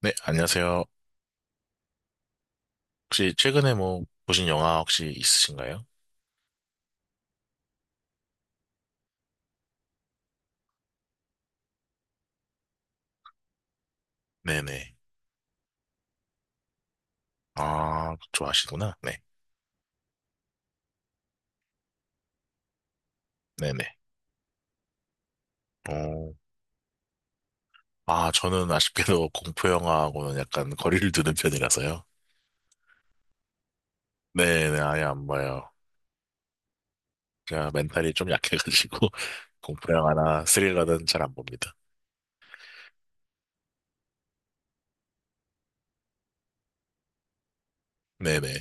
네, 안녕하세요. 혹시 최근에 뭐 보신 영화 혹시 있으신가요? 네네. 아, 좋아하시구나. 네. 네네. 어, 아, 저는 아쉽게도 공포 영화하고는 약간 거리를 두는 편이라서요. 네네, 아예 안 봐요. 제가 멘탈이 좀 약해가지고 공포 영화나 스릴러는 잘 안 봅니다. 네네.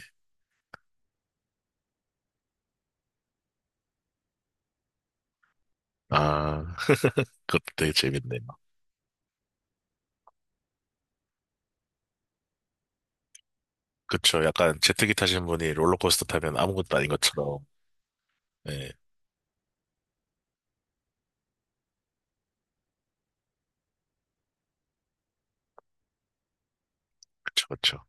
아, 그것도 되게 재밌네요. 그쵸. 약간 제트기 타신 분이 롤러코스터 타면 아무것도 아닌 것처럼. 네. 그쵸, 그쵸.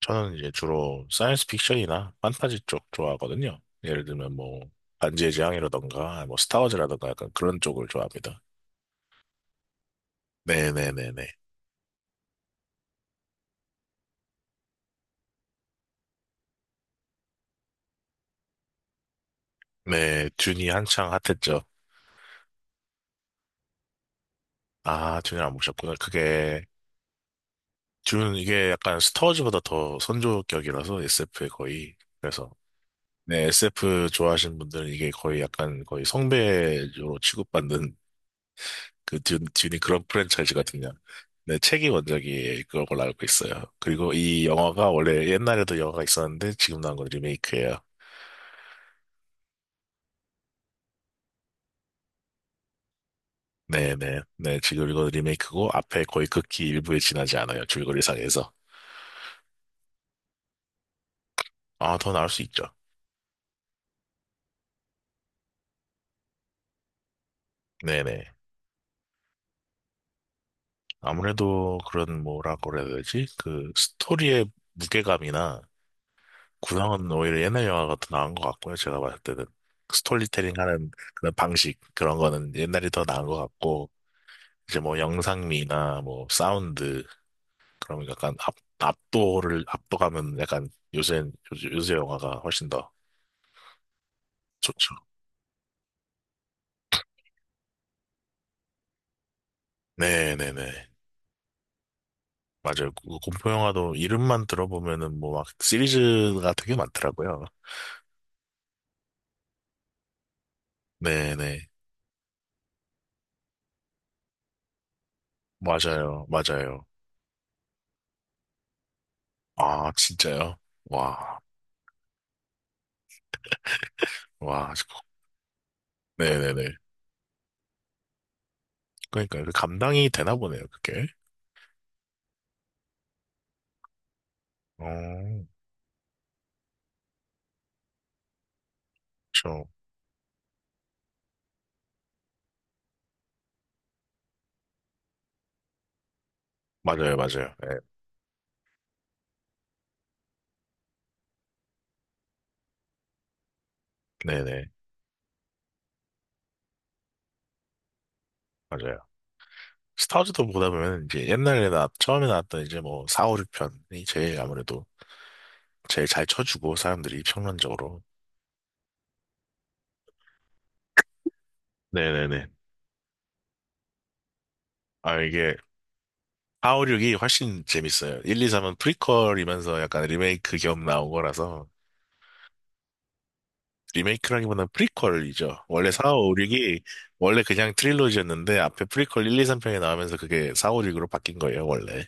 저는 이제 주로 사이언스 픽션이나 판타지 쪽 좋아하거든요. 예를 들면 뭐 반지의 제왕이라던가 뭐 스타워즈라던가 약간 그런 쪽을 좋아합니다. 네네네네. 네, 듄이 한창 핫했죠. 아, 듄을 안 보셨구나. 그게 듄 이게 약간 스타워즈보다 더 선조격이라서 SF에 거의 그래서. 네, SF 좋아하시는 분들은 이게 거의 약간 거의 성배로 취급받는 그 듄이 그런 프랜차이즈거든요. 네, 책이 원작이 그런 걸로 알고 있어요. 그리고 이 영화가 원래 옛날에도 영화가 있었는데 지금 나온 건 리메이크예요. 네네. 네, 지금 이건 리메이크고 앞에 거의 극히 일부에 지나지 않아요. 줄거리상에서. 아, 더 나올 수 있죠. 네네. 아무래도 그런 뭐라고 그래야 되지? 그 스토리의 무게감이나 구성은 오히려 옛날 영화가 더 나은 것 같고요. 제가 봤을 때는. 스토리텔링 하는 그런 방식, 그런 거는 옛날이 더 나은 것 같고, 이제 뭐 영상미나 뭐 사운드 그런 거 약간 압, 압도를 압도감은 약간 요새 요새 영화가 훨씬 더 좋죠. 네네네 맞아요. 그 공포 영화도 이름만 들어보면은 뭐 막 시리즈가 되게 많더라고요. 네네, 맞아요, 맞아요. 아 진짜요? 와. 와. 네네네. 그러니까 그 감당이 되나 보네요 그게. 어, 저 맞아요, 맞아요. 네, 네네 맞아요. 스타워즈도 보다 보면 이제 옛날에 나 처음에 나왔던 이제 뭐 4, 5, 6편이 제일 아무래도 제일 잘 쳐주고 사람들이 평론적으로. 네네네. 아 이게 4, 5, 6이 훨씬 재밌어요. 1, 2, 3은 프리퀄이면서 약간 리메이크 겸 나온 거라서. 리메이크라기보다는 프리퀄이죠. 원래 4, 5, 6이 원래 그냥 트릴로지였는데 앞에 프리퀄 1, 2, 3편이 나오면서 그게 4, 5, 6으로 바뀐 거예요 원래.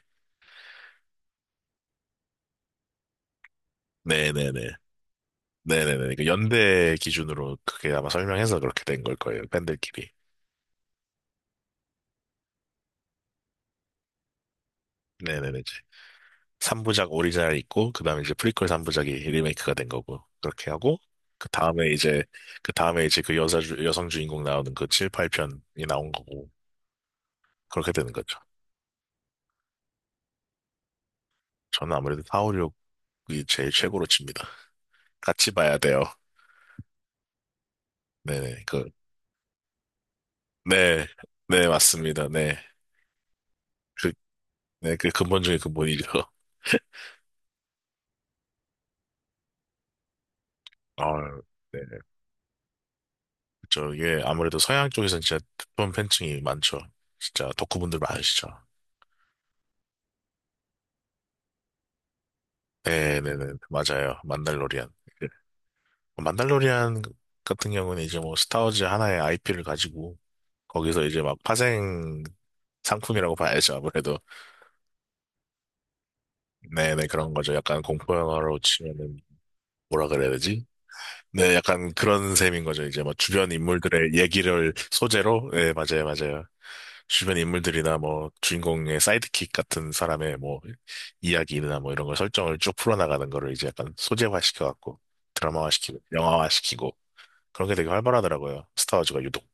네네네. 네네네. 그 연대 기준으로 그게 아마 설명해서 그렇게 된 걸 거예요 팬들끼리. 네네네. 3부작 오리지널 있고 그다음에 이제 프리퀄 3부작이 리메이크가 된 거고 그렇게 하고 그 다음에 이제 그 다음에 이제 그 여자 여성 주인공 나오는 그 7, 8편이 나온 거고 그렇게 되는 거죠. 저는 아무래도 4, 5, 6이 제일 최고로 칩니다. 같이 봐야 돼요. 네네, 그, 네. 네, 맞습니다. 네. 그, 네, 그 근본 중에 근본이죠. 아, 네. 저 이게 아무래도 서양 쪽에서는 진짜 특본 팬층이 많죠. 진짜 덕후분들 많으시죠. 네네네 맞아요. 만달로리안. 만달로리안 같은 경우는 이제 뭐 스타워즈 하나의 IP를 가지고 거기서 이제 막 파생 상품이라고 봐야죠. 아무래도. 네네, 그런 거죠. 약간 공포 영화로 치면은 뭐라 그래야 되지? 네, 약간 그런 셈인 거죠. 이제 뭐 주변 인물들의 얘기를 소재로, 네, 맞아요, 맞아요. 주변 인물들이나 뭐 주인공의 사이드킥 같은 사람의 뭐 이야기나 뭐 이런 걸 설정을 쭉 풀어나가는 거를 이제 약간 소재화 시켜갖고 드라마화 시키고 영화화 시키고 그런 게 되게 활발하더라고요. 스타워즈가 유독.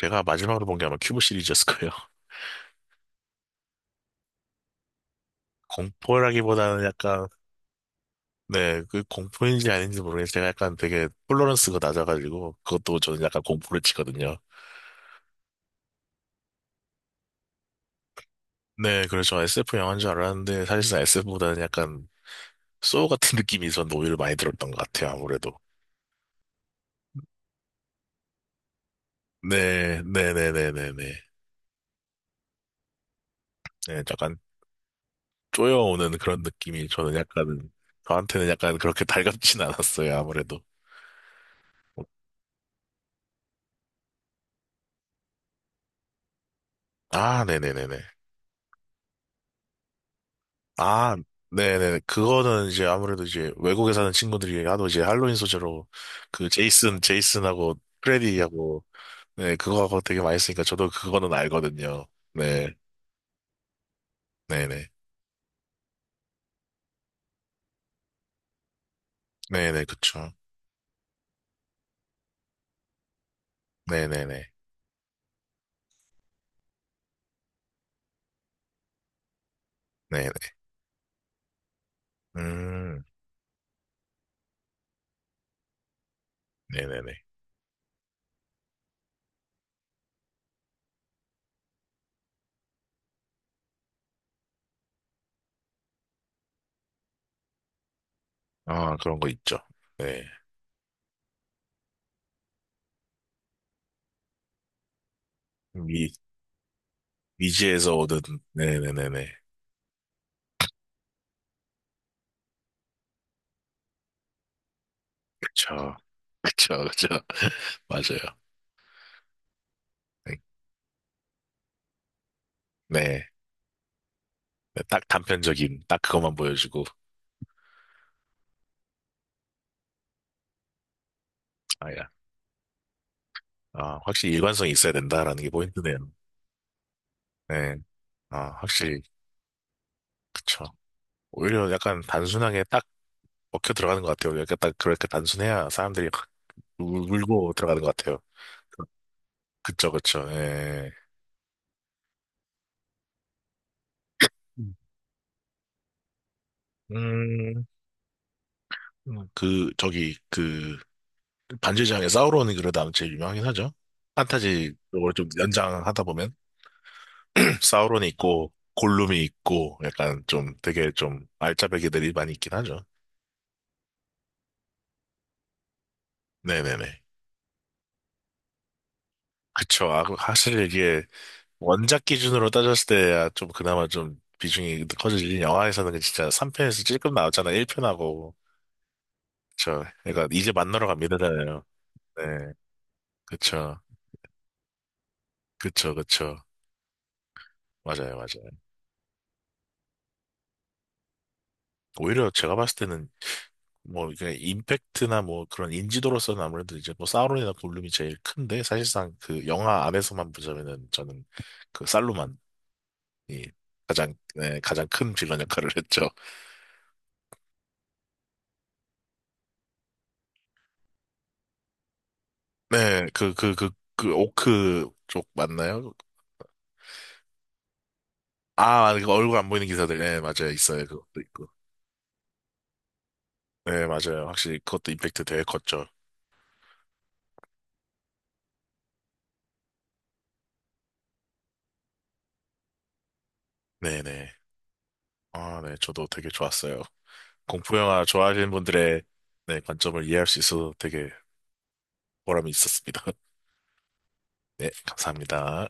제가 마지막으로 본 게 아마 큐브 시리즈였을 거예요. 공포라기보다는 약간, 네, 그 공포인지 아닌지 모르겠는데 제가 약간 되게 톨러런스가 낮아가지고 그것도 저는 약간 공포를 치거든요. 네, 그래서 SF 영화인 줄 알았는데 사실상 SF보다는 약간 소울 같은 느낌이 저는 오히려 많이 들었던 것 같아요, 아무래도. 네, 네네네네네. 네, 네, 네, 네. 네, 약간 쪼여오는 그런 느낌이 저는 약간, 저한테는 약간 그렇게 달갑진 않았어요, 아무래도. 아, 네네네네. 아, 네네. 그거는 이제 아무래도 이제 외국에 사는 친구들이 하도 이제 할로윈 소재로 그 제이슨하고 프레디하고. 네, 그거하고 되게 많이 쓰니까 저도 그거는 알거든요. 네, 네네. 네네, 그쵸. 네네네. 네네. 음, 네네네. 아, 그런 거 있죠. 네. 미, 미지에서 오든, 네네네네. 그쵸. 그쵸, 그쵸. 맞아요. 네. 네. 네, 딱 단편적인, 딱 그것만 보여주고. 아, 확실히 일관성이 있어야 된다라는 게 포인트네요. 네. 아, 확실히, 그쵸. 오히려 약간 단순하게 딱 먹혀 들어가는 것 같아요. 약간 딱 그렇게 단순해야 사람들이 확 울고 들어가는 것 같아요. 그- 그쵸, 그쵸, 예. 음, 음, 그, 저기, 그, 반지장에 사우론이 그래도 아마 제일 유명하긴 하죠. 판타지 쪽으로 좀 연장하다 보면, 사우론이 있고, 골룸이 있고, 약간 좀 되게 좀 알짜배기들이 많이 있긴 하죠. 네네네. 그쵸. 아, 그, 사실 이게 원작 기준으로 따졌을 때야 좀 그나마 좀 비중이 커지지. 영화에서는 그 진짜 3편에서 찔끔 나왔잖아. 1편하고. 그쵸. 그러니까 이제 만나러 갑니다잖아요. 네. 그쵸. 그쵸. 그쵸. 맞아요. 맞아요. 오히려 제가 봤을 때는 뭐 그냥 임팩트나 뭐 그런 인지도로서는 아무래도 이제 뭐 사우론이나 골룸이 제일 큰데 사실상 그 영화 안에서만 보자면은 저는 그 살루만이 가장, 네, 가장 큰 빌런 역할을 했죠. 네, 그, 오크 쪽 맞나요? 아, 그 얼굴 안 보이는 기사들. 네, 맞아요. 있어요. 그것도 있고. 네, 맞아요. 확실히 그것도 임팩트 되게 컸죠. 네네. 아, 네. 저도 되게 좋았어요. 공포 영화 좋아하시는 분들의, 네, 관점을 이해할 수 있어서 되게 보람이 있었습니다. 네, 감사합니다.